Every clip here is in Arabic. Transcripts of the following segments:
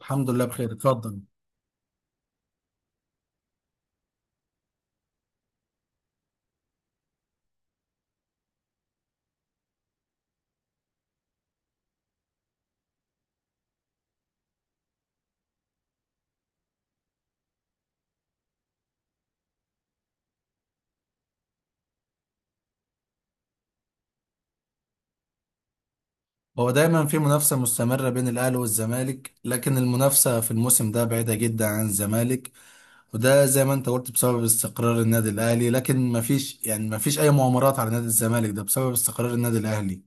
الحمد لله بخير، اتفضل. هو دايما في منافسة مستمرة بين الأهلي والزمالك، لكن المنافسة في الموسم ده بعيدة جدا عن الزمالك. وده زي ما انت قلت بسبب استقرار النادي الأهلي، لكن مفيش مفيش أي مؤامرات على نادي الزمالك، ده بسبب استقرار النادي الأهلي.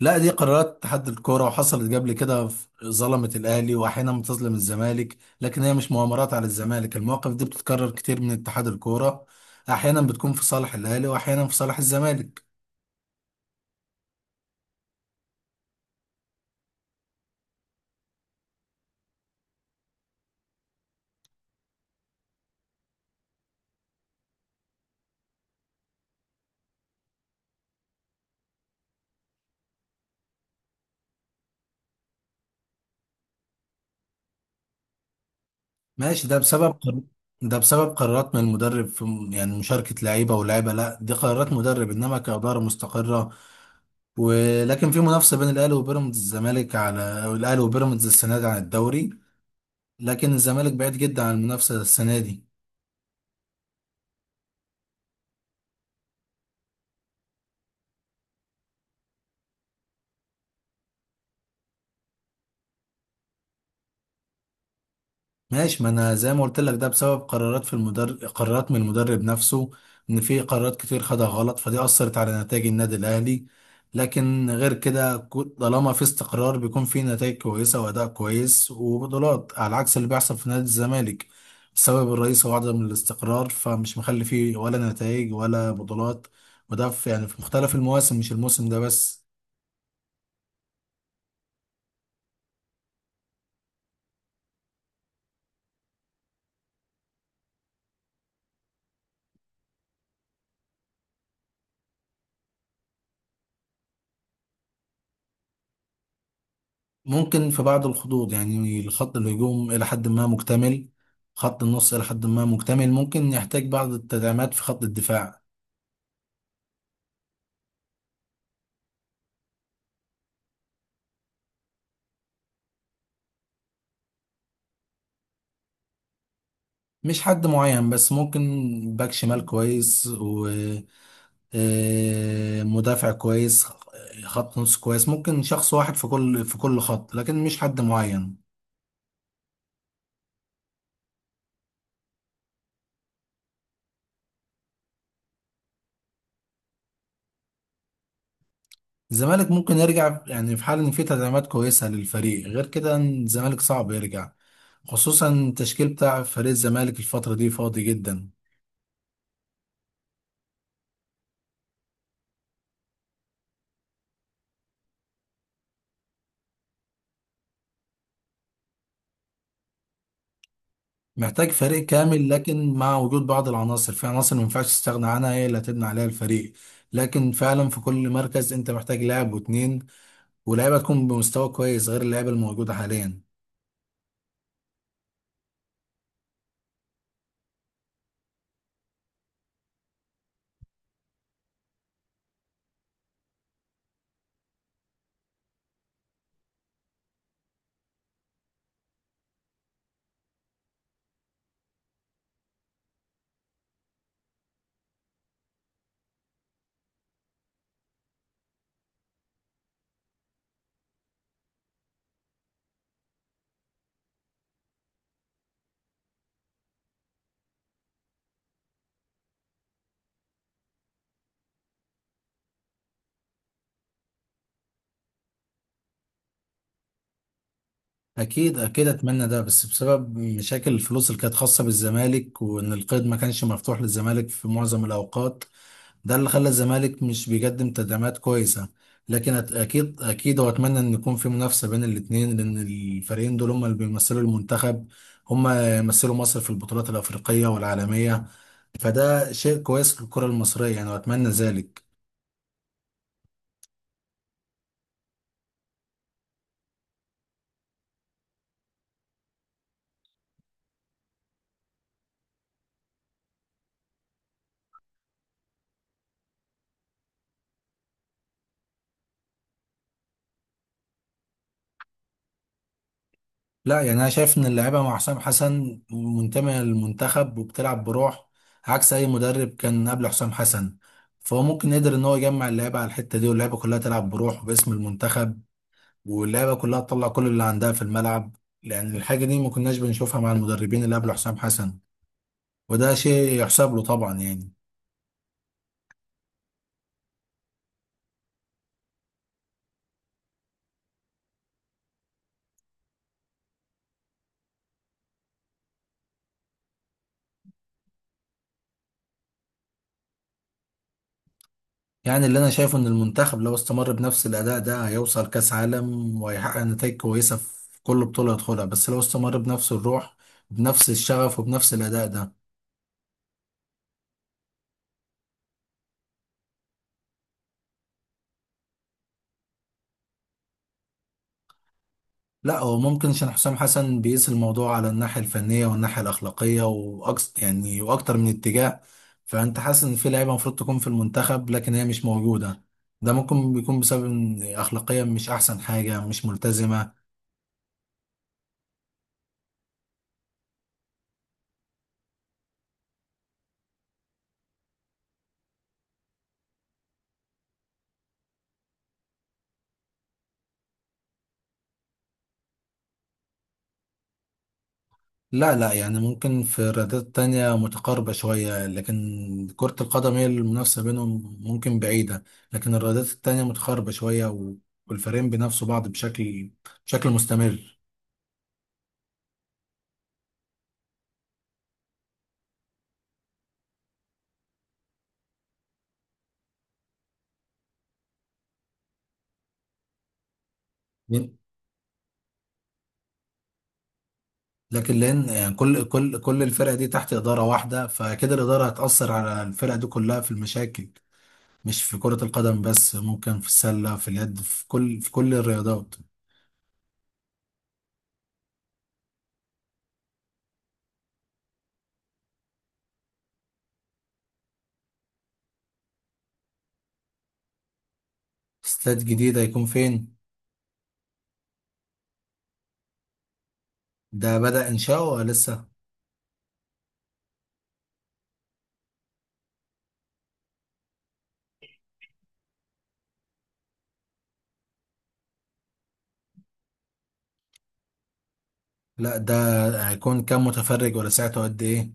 لا، دي قرارات اتحاد الكورة وحصلت قبل كده، ظلمت الأهلي وأحيانا بتظلم الزمالك، لكن هي مش مؤامرات على الزمالك، المواقف دي بتتكرر كتير من اتحاد الكورة. أحيانا بتكون في صالح الأهلي وأحيانا في صالح الزمالك. ماشي. ده بسبب قرارات من المدرب في يعني مشاركة لعيبة ولاعيبة، لا دي قرارات مدرب، انما كإدارة مستقرة. ولكن في منافسة بين الأهلي وبيراميدز، الزمالك على الأهلي وبيراميدز السنة دي عن الدوري، لكن الزمالك بعيد جدا عن المنافسة السنة دي. ماشي، ما انا زي ما قلت لك ده بسبب قرارات في المدرب، قرارات من المدرب نفسه، ان في قرارات كتير خدها غلط فدي اثرت على نتائج النادي الاهلي. لكن غير كده، طالما في استقرار بيكون في نتائج كويسه واداء كويس وبطولات، على عكس اللي بيحصل في نادي الزمالك بسبب الرئيس، هو عدم الاستقرار فمش مخلي فيه ولا نتائج ولا بطولات. وده في يعني في مختلف المواسم، مش الموسم ده بس. ممكن في بعض الخطوط، يعني خط الهجوم إلى حد ما مكتمل، خط النص إلى حد ما مكتمل، ممكن يحتاج بعض التدعيمات في خط الدفاع. مش حد معين، بس ممكن باك شمال كويس، ومدافع كويس، خط نص كويس، ممكن شخص واحد في كل خط، لكن مش حد معين. الزمالك ممكن يرجع يعني في حال إن في تدعيمات كويسة للفريق، غير كده الزمالك صعب يرجع، خصوصا التشكيل بتاع فريق الزمالك الفترة دي فاضي جدا. محتاج فريق كامل، لكن مع وجود بعض العناصر، في عناصر ما ينفعش تستغنى عنها، هي اللي هتبني عليها الفريق. لكن فعلا في كل مركز انت محتاج لاعب واتنين، ولاعيبه تكون بمستوى كويس غير اللعيبه الموجوده حاليا. اكيد اكيد اتمنى ده، بس بسبب مشاكل الفلوس اللي كانت خاصه بالزمالك، وان القيد ما كانش مفتوح للزمالك في معظم الاوقات، ده اللي خلى الزمالك مش بيقدم تدعيمات كويسة. لكن أكيد أكيد، وأتمنى إن يكون في منافسة بين الاتنين، لأن الفريقين دول هما اللي بيمثلوا المنتخب، هما يمثلوا مصر في البطولات الأفريقية والعالمية، فده شيء كويس للكرة المصرية يعني، وأتمنى ذلك. لا يعني أنا شايف إن اللاعيبة مع حسام حسن منتمية للمنتخب وبتلعب بروح، عكس أي مدرب كان قبل حسام حسن. فهو ممكن يقدر إن هو يجمع اللعيبة على الحتة دي، واللعيبة كلها تلعب بروح وباسم المنتخب، واللعيبه كلها تطلع كل اللي عندها في الملعب. لان الحاجه دي ما كناش بنشوفها مع المدربين اللي قبل حسام حسن، وده شيء يحسب له طبعا يعني. يعني اللي انا شايفه ان المنتخب لو استمر بنفس الاداء ده هيوصل كاس عالم، وهيحقق نتائج كويسه في كل بطوله يدخلها، بس لو استمر بنفس الروح، بنفس الشغف، وبنفس الاداء ده. لا، هو ممكن عشان حسام حسن بيقيس الموضوع على الناحية الفنية والناحية الأخلاقية وأكس يعني، وأكتر من اتجاه. فأنت حاسس إن في لعيبة المفروض تكون في المنتخب لكن هي مش موجودة، ده ممكن بيكون بسبب إن أخلاقيا مش أحسن حاجة، مش ملتزمة. لا لا يعني، ممكن في الرياضات تانية متقاربة شوية، لكن كرة القدم هي المنافسة بينهم ممكن بعيدة، لكن الرياضات التانية متقاربة شوية والفريقين بينافسوا بعض بشكل مستمر. لكن لان يعني كل الفرق دي تحت اداره واحده، فكده الاداره هتاثر على الفرق دي كلها في المشاكل، مش في كره القدم بس، ممكن في السله، في اليد، في كل الرياضات. استاد جديد هيكون فين؟ ده بدأ انشاؤه ولا لسه؟ لا، ده هيكون كام متفرج، ولا ساعته قد ايه؟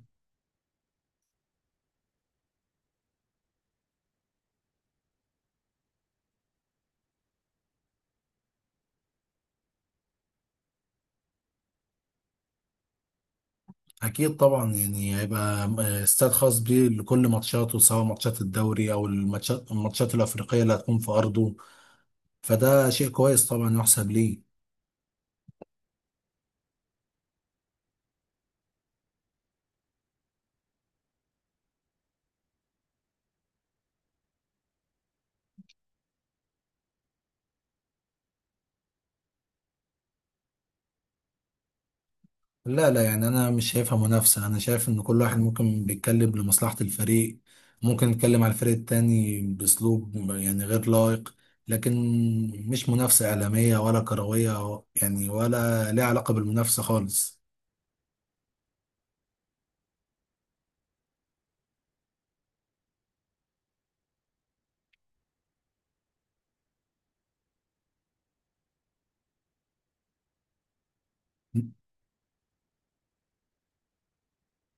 اكيد طبعا، يعني هيبقى استاد خاص بيه لكل ماتشاته، سواء ماتشات الدوري او الماتشات الافريقيه اللي هتكون في ارضه، فده شيء كويس طبعا يحسب ليه. لا لا يعني انا مش شايفها منافسه، انا شايف ان كل واحد ممكن بيتكلم لمصلحه الفريق، ممكن يتكلم على الفريق التاني باسلوب يعني غير لائق، لكن مش منافسه اعلاميه ولا كرويه يعني، ولا ليها علاقه بالمنافسه خالص.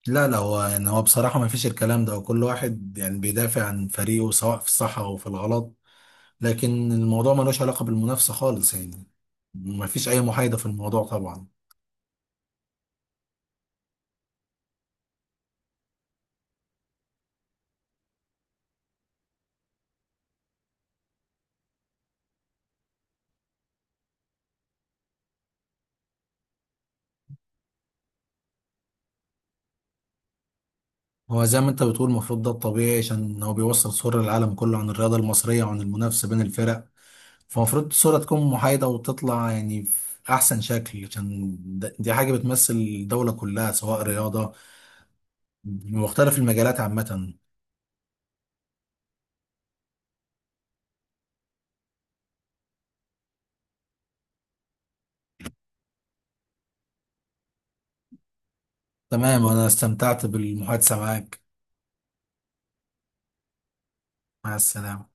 لا لا، هو يعني هو بصراحه ما فيش الكلام ده، وكل واحد يعني بيدافع عن فريقه سواء في الصح او في الغلط، لكن الموضوع ملوش علاقه بالمنافسه خالص يعني، ما فيش اي محايده في الموضوع طبعا. هو زي ما انت بتقول المفروض ده الطبيعي، عشان هو بيوصل صورة للعالم كله عن الرياضة المصرية وعن المنافسة بين الفرق، فالمفروض الصورة تكون محايدة وتطلع يعني في أحسن شكل، عشان دي حاجة بتمثل الدولة كلها، سواء رياضة بمختلف المجالات عامة. تمام، أنا استمتعت بالمحادثة معاك. مع السلامة.